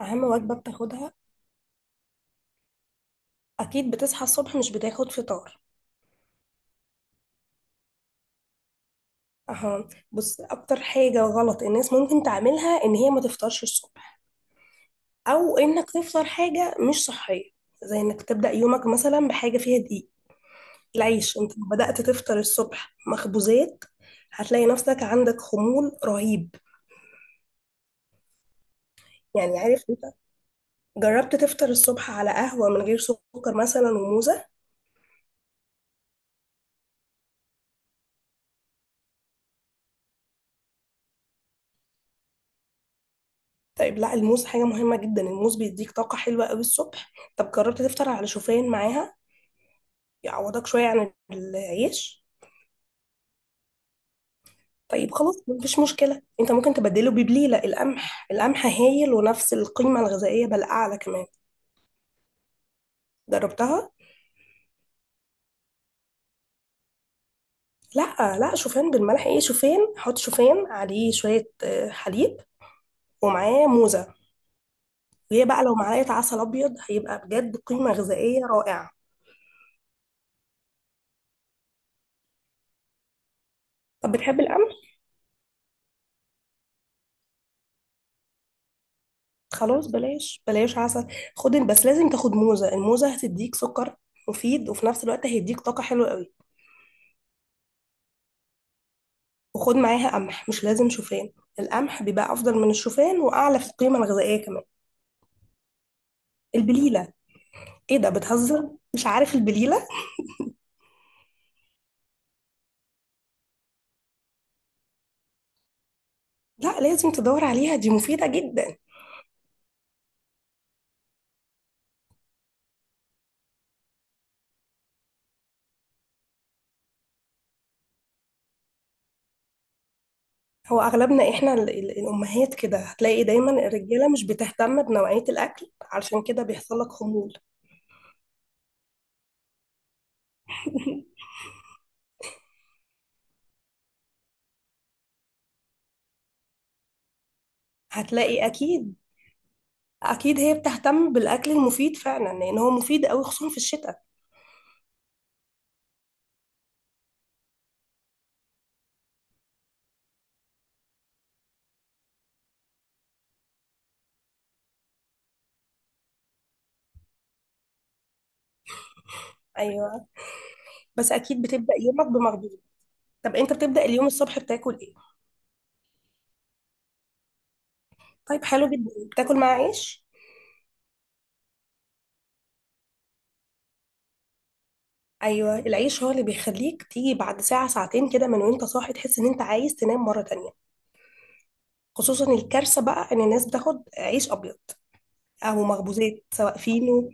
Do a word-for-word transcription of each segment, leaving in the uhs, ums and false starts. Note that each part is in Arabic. اهم وجبه بتاخدها؟ اكيد بتصحى الصبح مش بتاخد فطار؟ اها، بص اكتر حاجه غلط الناس ممكن تعملها ان هي ما تفطرش الصبح، او انك تفطر حاجه مش صحيه، زي انك تبدا يومك مثلا بحاجه فيها دقيق. العيش، انت لو بدات تفطر الصبح مخبوزات هتلاقي نفسك عندك خمول رهيب. يعني عارف انت، جربت تفطر الصبح على قهوه من غير سكر مثلا وموزه؟ طيب لا، الموز حاجه مهمه جدا، الموز بيديك طاقه حلوه قوي الصبح. طب جربت تفطر على شوفان معاها؟ يعوضك شوية عن العيش. طيب خلاص مفيش مشكلة، انت ممكن تبدله ببليلة القمح، القمح هايل ونفس القيمة الغذائية بل أعلى كمان. جربتها؟ لا لا، شوفان بالملح ايه، شوفان، حط شوفان عليه شوية آه، حليب، ومعاه موزة. وهي بقى لو معلقة عسل أبيض هيبقى بجد قيمة غذائية رائعة. طب بتحب القمح؟ خلاص بلاش بلاش عسل. خد، بس لازم تاخد موزة، الموزة هتديك سكر مفيد وفي نفس الوقت هيديك طاقة حلوة قوي. وخد معاها قمح، مش لازم شوفان. القمح بيبقى افضل من الشوفان واعلى في القيمه الغذائيه كمان. البليله. ايه ده، بتهزر، مش عارف البليله؟ لا، لازم تدور عليها، دي مفيده جدا. هو اغلبنا احنا ال- ال- الامهات كده، هتلاقي دايما الرجاله مش بتهتم بنوعيه الاكل، علشان كده بيحصل لك خمول. هتلاقي اكيد، اكيد هي بتهتم بالاكل المفيد فعلا، لان هو مفيد قوي خصوصا في الشتاء. ايوه، بس اكيد بتبدا يومك بمخبوزات. طب انت بتبدا اليوم الصبح بتاكل ايه؟ طيب حلو جدا، بتاكل مع عيش؟ ايوه، العيش هو اللي بيخليك تيجي بعد ساعه ساعتين كده من وانت صاحي تحس ان انت عايز تنام مره تانية. خصوصا الكارثه بقى ان الناس بتاخد عيش ابيض، او مخبوزات سواء فينو.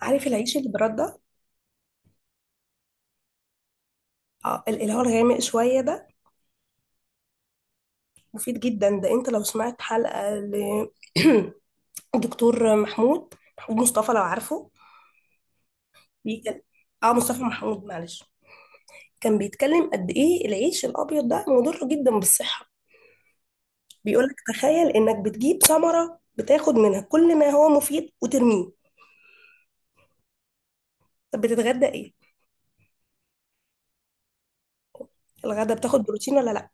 عارف العيش اللي برد ده؟ آه، اللي هو الغامق شويه ده. مفيد جدا ده، انت لو سمعت حلقه لدكتور محمود محمود مصطفى لو عارفه. بيكلم، اه مصطفى محمود، معلش. كان بيتكلم قد ايه العيش الابيض ده مضر جدا بالصحه. بيقولك تخيل انك بتجيب ثمرة بتاخد منها كل ما هو مفيد وترميه. طب بتتغدى ايه؟ الغدا بتاخد بروتين ولا لا؟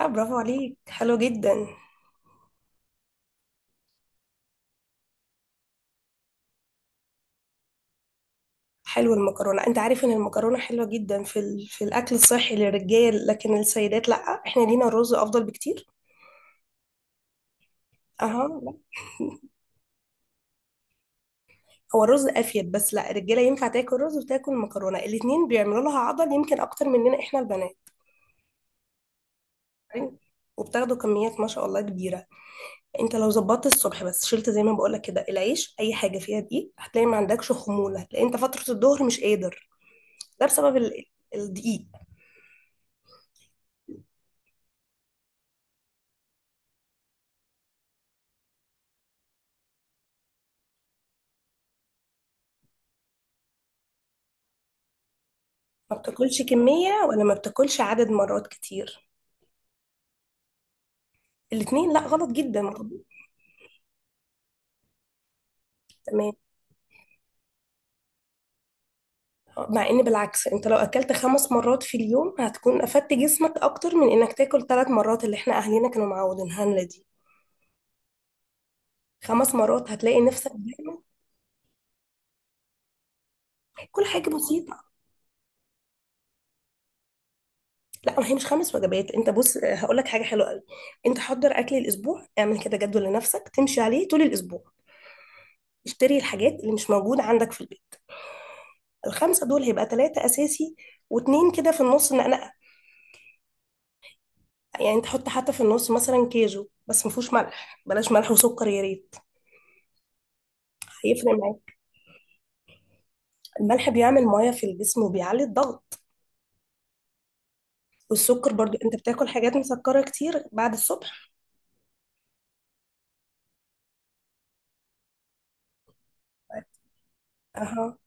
اه برافو عليك، حلو جدا. حلو المكرونة، انت عارف ان المكرونة حلوة جدا في ال... في الاكل الصحي للرجال لكن السيدات لا. احنا لينا الرز افضل بكتير. اها لا، هو الرز افيد، بس لا، الرجالة ينفع تاكل رز وتاكل مكرونة، الاتنين بيعملوا لها عضل يمكن اكتر مننا احنا البنات. وبتاخدوا كميات ما شاء الله كبيرة. انت لو ظبطت الصبح بس، شلت زي ما بقولك كده العيش اي حاجه فيها دقيق، هتلاقي ما عندكش خمول، هتلاقي انت فتره الظهر مش قادر. ده بسبب ال- الدقيق. ما بتاكلش كميه ولا ما بتاكلش عدد مرات كتير؟ الاتنين، لا غلط جدا غلط. تمام. مع ان بالعكس انت لو اكلت خمس مرات في اليوم هتكون افدت جسمك اكتر من انك تاكل ثلاث مرات، اللي احنا اهالينا كانوا معودينها لنا دي. خمس مرات هتلاقي نفسك دايما. كل حاجه بسيطه. لا، ما هي مش خمس وجبات، انت بص هقول لك حاجه حلوه قوي. انت حضر اكل الاسبوع، اعمل كده جدول لنفسك تمشي عليه طول الاسبوع. اشتري الحاجات اللي مش موجوده عندك في البيت. الخمسه دول هيبقى ثلاثه اساسي، واتنين كده في النص نقنقه. يعني انت حط حتى في النص مثلا كيجو، بس ما فيهوش ملح، بلاش ملح وسكر يا ريت. هيفرق معاك. الملح بيعمل ميه في الجسم وبيعلي الضغط. والسكر برضو، انت بتاكل حاجات مسكره كتير بعد الصبح. اها،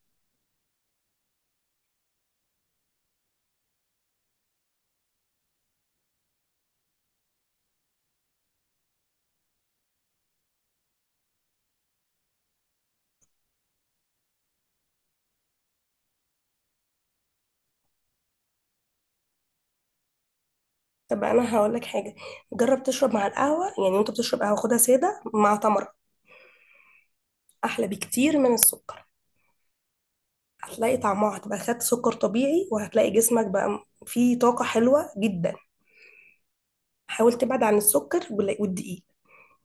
طب انا هقول لك حاجه. جرب تشرب مع القهوه، يعني وانت بتشرب قهوه خدها ساده مع تمر. احلى بكتير من السكر. هتلاقي طعمها هتبقى، خد سكر طبيعي وهتلاقي جسمك بقى فيه طاقة حلوة جدا. حاول تبعد عن السكر وال- والدقيق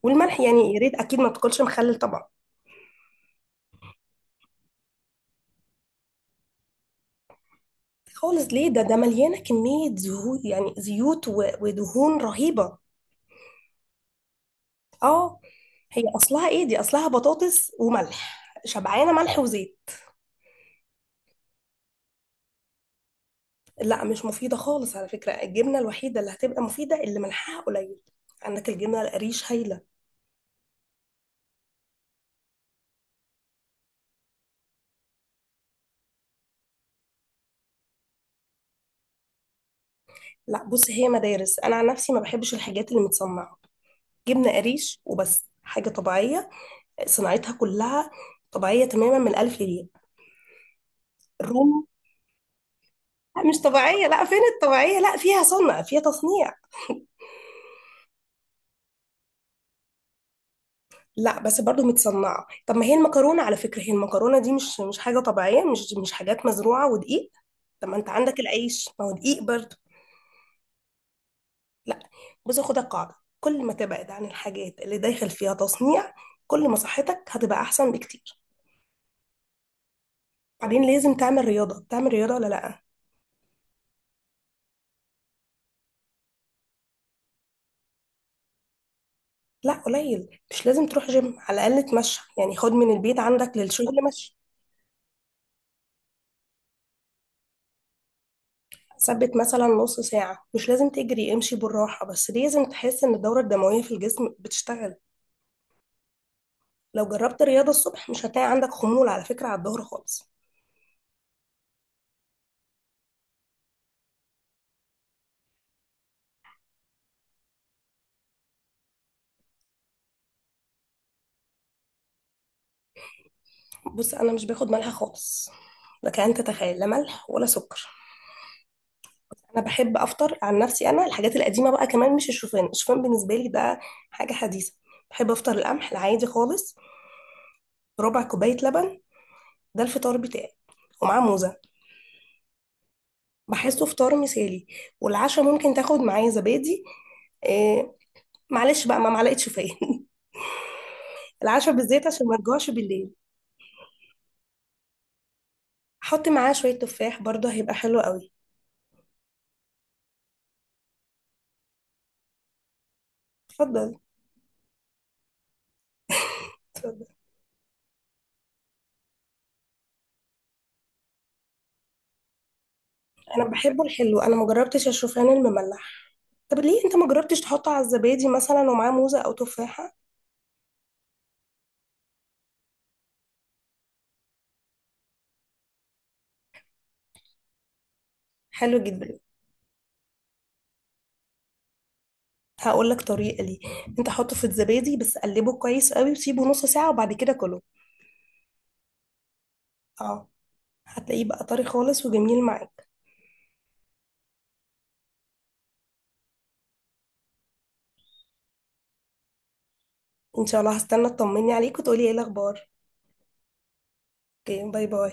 والملح، يعني يا ريت اكيد ما تاكلش مخلل طبعا. خالص ليه، ده ده مليانة كمية زهو، يعني زيوت و- ودهون رهيبة. اه، هي اصلها ايه دي، اصلها بطاطس وملح، شبعانة ملح وزيت. لا مش مفيدة خالص، على فكرة الجبنة الوحيدة اللي هتبقى مفيدة اللي ملحها قليل. عندك الجبنة القريش هايلة. لا بص، هي مدارس، انا عن نفسي ما بحبش الحاجات اللي متصنعه. جبنه قريش وبس، حاجه طبيعيه صناعتها كلها طبيعيه تماما من الالف للياء. الرومي لا، مش طبيعيه، لا، فين الطبيعيه، لا فيها صنع، فيها تصنيع. لا بس برضو متصنعه، طب ما هي المكرونه على فكره، هي المكرونه دي مش مش حاجه طبيعيه، مش مش حاجات مزروعه ودقيق. طب ما انت عندك العيش، ما هو دقيق برضو. لا بص، خد القاعده، كل ما تبعد عن الحاجات اللي داخل فيها تصنيع، كل ما صحتك هتبقى احسن بكتير. بعدين لازم تعمل رياضة، بتعمل رياضة ولا لأ؟ لا قليل، مش لازم تروح جيم، على الأقل تمشى يعني، خد من البيت عندك للشغل مشي. ثبت مثلا نص ساعة، مش لازم تجري، امشي بالراحة بس لازم تحس إن الدورة الدموية في الجسم بتشتغل. لو جربت رياضة الصبح مش هتلاقي عندك خمول على فكرة على الظهر خالص. بص أنا مش باخد ملح خالص. لك أن تتخيل، لا ملح ولا سكر. أنا بحب أفطر عن نفسي، أنا الحاجات القديمة بقى كمان، مش الشوفان، الشوفان بالنسبة لي ده حاجة حديثة. بحب أفطر القمح العادي خالص. ربع كوباية لبن، ده الفطار بتاعي، ومعاه موزة. بحسه فطار مثالي. والعشاء ممكن تاخد معايا زبادي. إيه، معلش بقى ما معلقة شوفان. العشاء بالزيت عشان ما تجوعش بالليل. حط معاه شوية تفاح برضه هيبقى حلو قوي. اتفضل. اتفضل. انا بحبه الحلو، انا مجربتش الشوفان المملح. طب ليه انت ما جربتش تحطه على الزبادي مثلا ومعاه موزة او تفاحة؟ حلو جدا، هقول لك طريقة، ليه انت حطه في الزبادي بس قلبه كويس قوي وسيبه نص ساعة وبعد كده كله. اه، هتلاقيه بقى طري خالص وجميل معاك. ان شاء الله، هستنى تطمني عليك وتقولي ايه الاخبار. اوكي، باي باي.